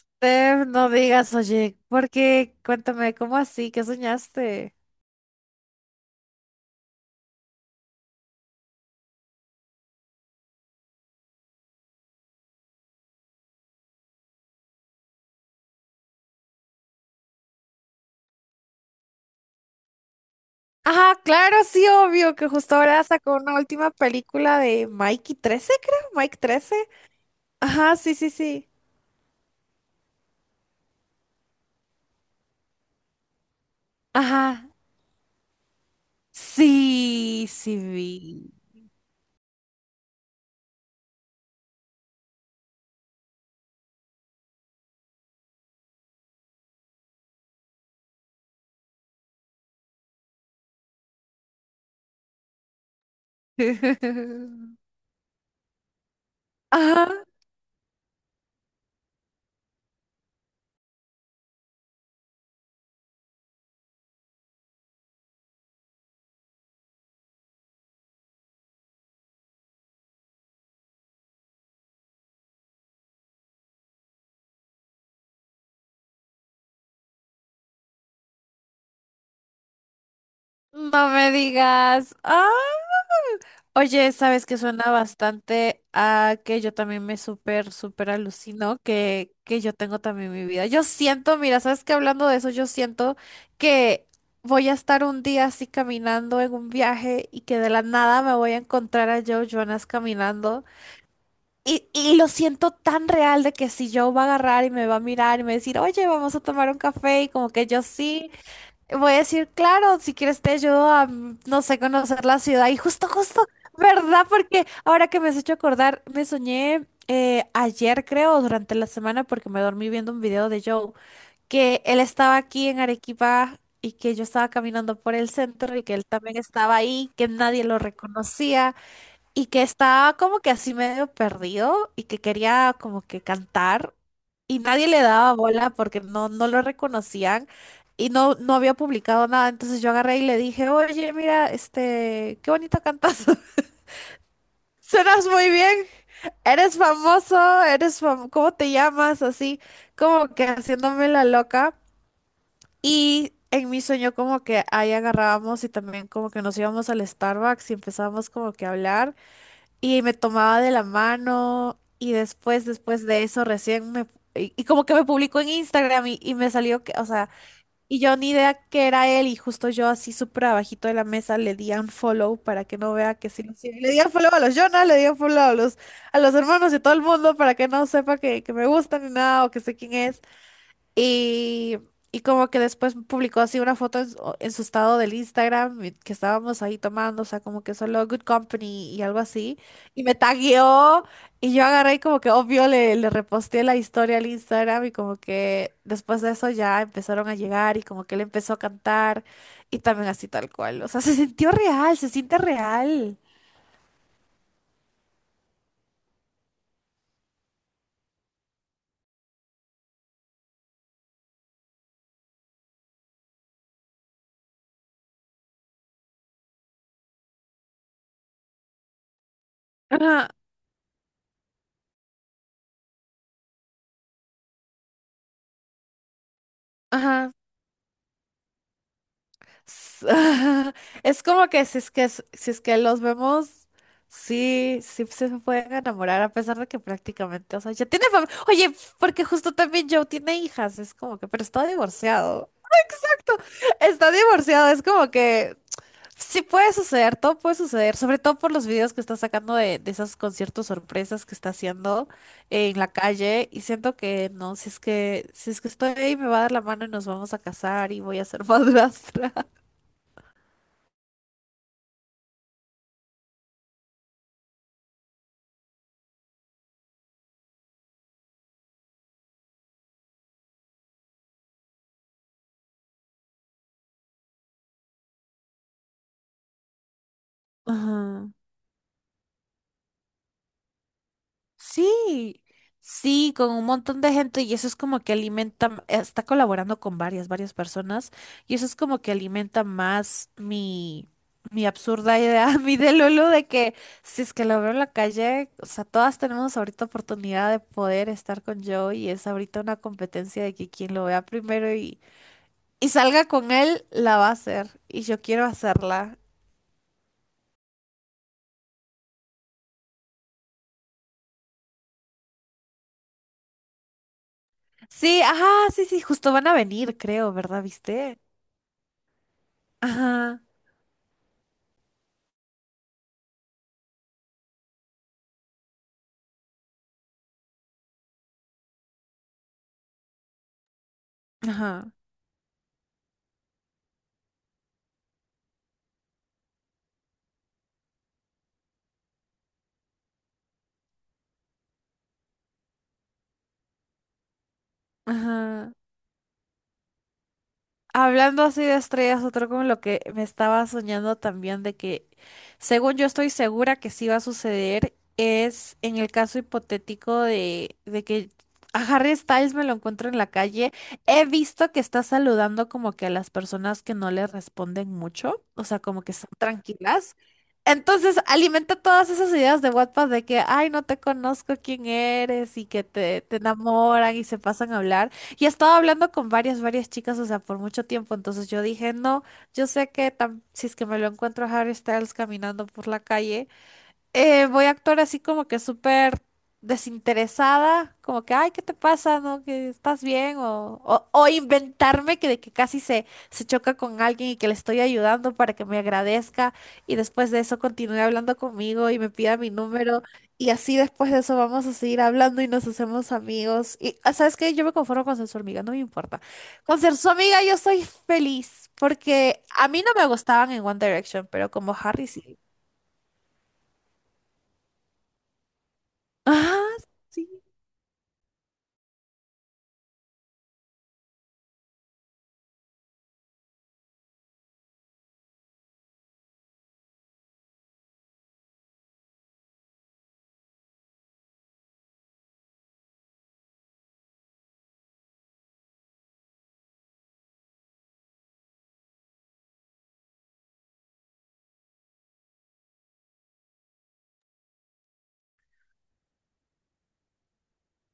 Steph, no digas, oye, porque cuéntame, ¿cómo así? ¿Qué soñaste? Ajá, claro, sí, obvio, que justo ahora sacó una última película de Mikey 13, creo, Mike trece. Ajá, sí, sí, sí. Ajá, sí, sí vi. Ajá, no me digas. Oye, sabes que suena bastante a que yo también me súper, súper alucino, que yo tengo también mi vida. Yo siento, mira, sabes que hablando de eso, yo siento que voy a estar un día así caminando en un viaje y que de la nada me voy a encontrar a Joe Jonas caminando. Y lo siento tan real de que si Joe va a agarrar y me va a mirar y me va a decir, oye, vamos a tomar un café, y como que yo sí. Voy a decir, claro, si quieres te ayudo a, no sé, conocer la ciudad. Y justo, justo, ¿verdad? Porque ahora que me has hecho acordar, me soñé ayer, creo, durante la semana, porque me dormí viendo un video de Joe, que él estaba aquí en Arequipa y que yo estaba caminando por el centro y que él también estaba ahí, que nadie lo reconocía y que estaba como que así medio perdido y que quería como que cantar y nadie le daba bola porque no lo reconocían y no había publicado nada. Entonces yo agarré y le dije, oye, mira, este, qué bonito cantas. Suenas muy bien, eres famoso, ¿cómo te llamas? Así, como que haciéndome la loca. Y en mi sueño como que ahí agarrábamos y también como que nos íbamos al Starbucks y empezábamos como que a hablar y me tomaba de la mano y después, después de eso recién me... Y como que me publicó en Instagram y me salió que, o sea, y yo ni idea que era él y justo yo así súper abajito de la mesa le di un follow para que no vea que sí lo sigo. Le di un follow a los Jonas, le di un follow a los hermanos y todo el mundo para que no sepa que me gustan ni nada o que sé quién es. Y, y como que después publicó así una foto en su estado del Instagram y que estábamos ahí tomando, o sea, como que solo Good Company y algo así. Y me tagueó y yo agarré y como que obvio le, le reposté la historia al Instagram y como que después de eso ya empezaron a llegar y como que él empezó a cantar y también así tal cual. O sea, se sintió real, se siente real. Ajá, ajá. S- Es como que si es que si es que los vemos, sí, sí se pueden enamorar, a pesar de que prácticamente, o sea, ya tiene familia. Oye, porque justo también Joe tiene hijas, es como que, pero está divorciado. Está divorciado, es como que sí puede suceder, todo puede suceder, sobre todo por los videos que está sacando de esos conciertos sorpresas que está haciendo en la calle y siento que no, si es que si es que estoy ahí me va a dar la mano y nos vamos a casar y voy a ser madrastra. Ajá. Sí, sí, con un montón de gente y eso es como que alimenta, está colaborando con varias, varias personas y eso es como que alimenta más mi, mi absurda idea, mi de que si es que lo veo en la calle, o sea, todas tenemos ahorita oportunidad de poder estar con Joe y es ahorita una competencia de que quien lo vea primero y salga con él, la va a hacer y yo quiero hacerla. Sí, ajá, sí, sí, justo van a venir, creo, ¿verdad? ¿Viste? Ajá, ajá. Ajá. Hablando así de estrellas, otro como lo que me estaba soñando también de que, según yo estoy segura que sí va a suceder, es en el caso hipotético de que a Harry Styles me lo encuentro en la calle. He visto que está saludando como que a las personas que no le responden mucho, o sea, como que están tranquilas. Entonces alimenta todas esas ideas de WhatsApp de que, ay, no te conozco quién eres y que te enamoran y se pasan a hablar. Y estaba hablando con varias, varias chicas, o sea, por mucho tiempo. Entonces yo dije, no, yo sé que si es que me lo encuentro a Harry Styles caminando por la calle, voy a actuar así como que súper desinteresada, como que, ay, ¿qué te pasa? ¿No? ¿Que estás bien? O inventarme que de que casi se, se choca con alguien y que le estoy ayudando para que me agradezca y después de eso continúe hablando conmigo y me pida mi número y así después de eso vamos a seguir hablando y nos hacemos amigos. Y, ah, ¿sabes qué? Yo me conformo con ser su amiga, no me importa. Con ser su amiga yo soy feliz porque a mí no me gustaban en One Direction, pero como Harry sí. Ajá, sí.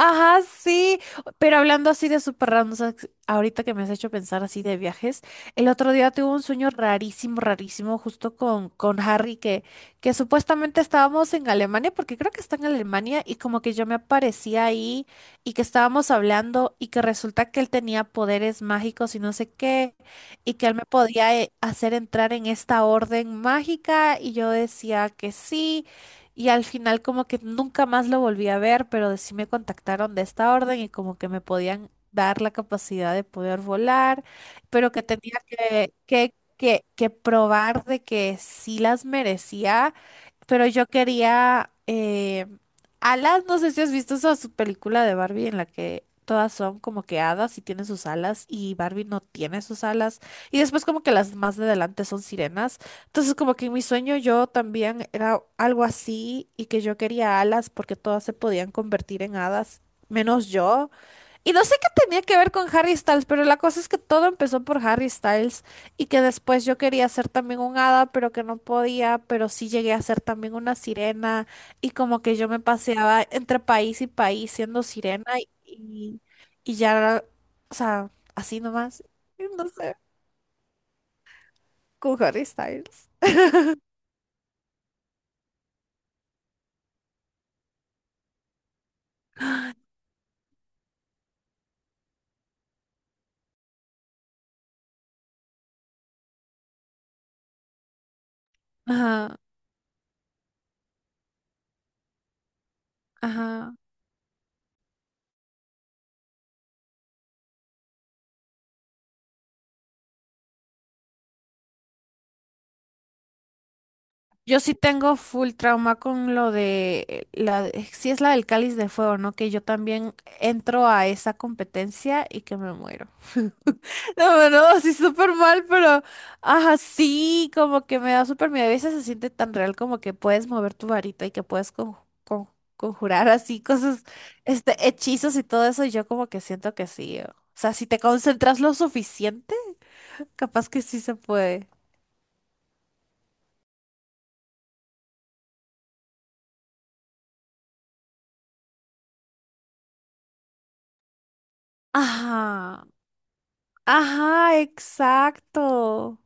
Ajá, sí, pero hablando así de súper random, ¿sabes? Ahorita que me has hecho pensar así de viajes, el otro día tuve un sueño rarísimo, rarísimo, justo con Harry, que supuestamente estábamos en Alemania, porque creo que está en Alemania, y como que yo me aparecía ahí y que estábamos hablando y que resulta que él tenía poderes mágicos y no sé qué, y que él me podía hacer entrar en esta orden mágica, y yo decía que sí. Y al final como que nunca más lo volví a ver, pero sí me contactaron de esta orden y como que me podían dar la capacidad de poder volar, pero que tenía que probar de que sí las merecía, pero yo quería alas, no sé si has visto esa su película de Barbie en la que todas son como que hadas y tienen sus alas y Barbie no tiene sus alas y después como que las más de adelante son sirenas. Entonces, como que en mi sueño yo también era algo así y que yo quería alas porque todas se podían convertir en hadas, menos yo. Y no sé qué tenía que ver con Harry Styles, pero la cosa es que todo empezó por Harry Styles y que después yo quería ser también un hada, pero que no podía, pero sí llegué a ser también una sirena y como que yo me paseaba entre país y país siendo sirena y, y ya, o sea, así nomás, no sé, con Harry Styles. Ajá, ajá. Yo sí tengo full trauma con lo de la, si es la del Cáliz de Fuego, ¿no? Que yo también entro a esa competencia y que me muero. No, no, así súper mal, pero ajá, sí, como que me da súper miedo. A veces se siente tan real como que puedes mover tu varita y que puedes con- conjurar así cosas, este, hechizos y todo eso, y yo como que siento que sí. O sea, si te concentras lo suficiente, capaz que sí se puede. Ajá. Ajá, exacto.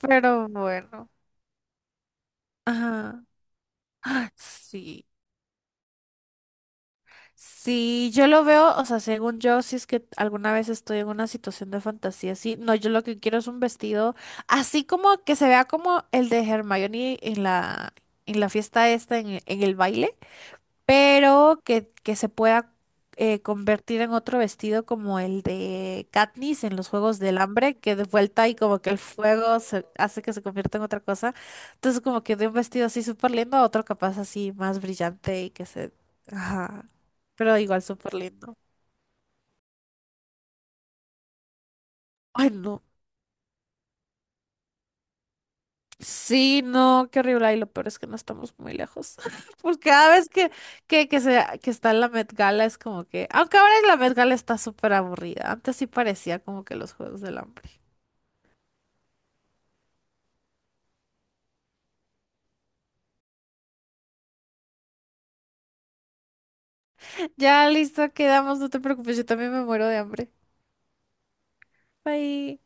Pero bueno, ajá. Ah, sí. Sí, yo lo veo, o sea, según yo, si es que alguna vez estoy en una situación de fantasía así, no, yo lo que quiero es un vestido así como que se vea como el de Hermione en la fiesta esta en el baile. Pero que se pueda convertir en otro vestido como el de Katniss en los Juegos del Hambre, que de vuelta y como que el fuego se hace que se convierta en otra cosa. Entonces como que de un vestido así súper lindo a otro capaz así más brillante y que se... Ajá. Pero igual súper lindo. Ay, no. Sí, no, qué horrible. Y lo peor es que no estamos muy lejos. Pues cada vez que está en la Met Gala es como que. Aunque ahora la Met Gala está súper aburrida. Antes sí parecía como que los Juegos del Hambre. Ya listo, quedamos. No te preocupes, yo también me muero de hambre. Bye.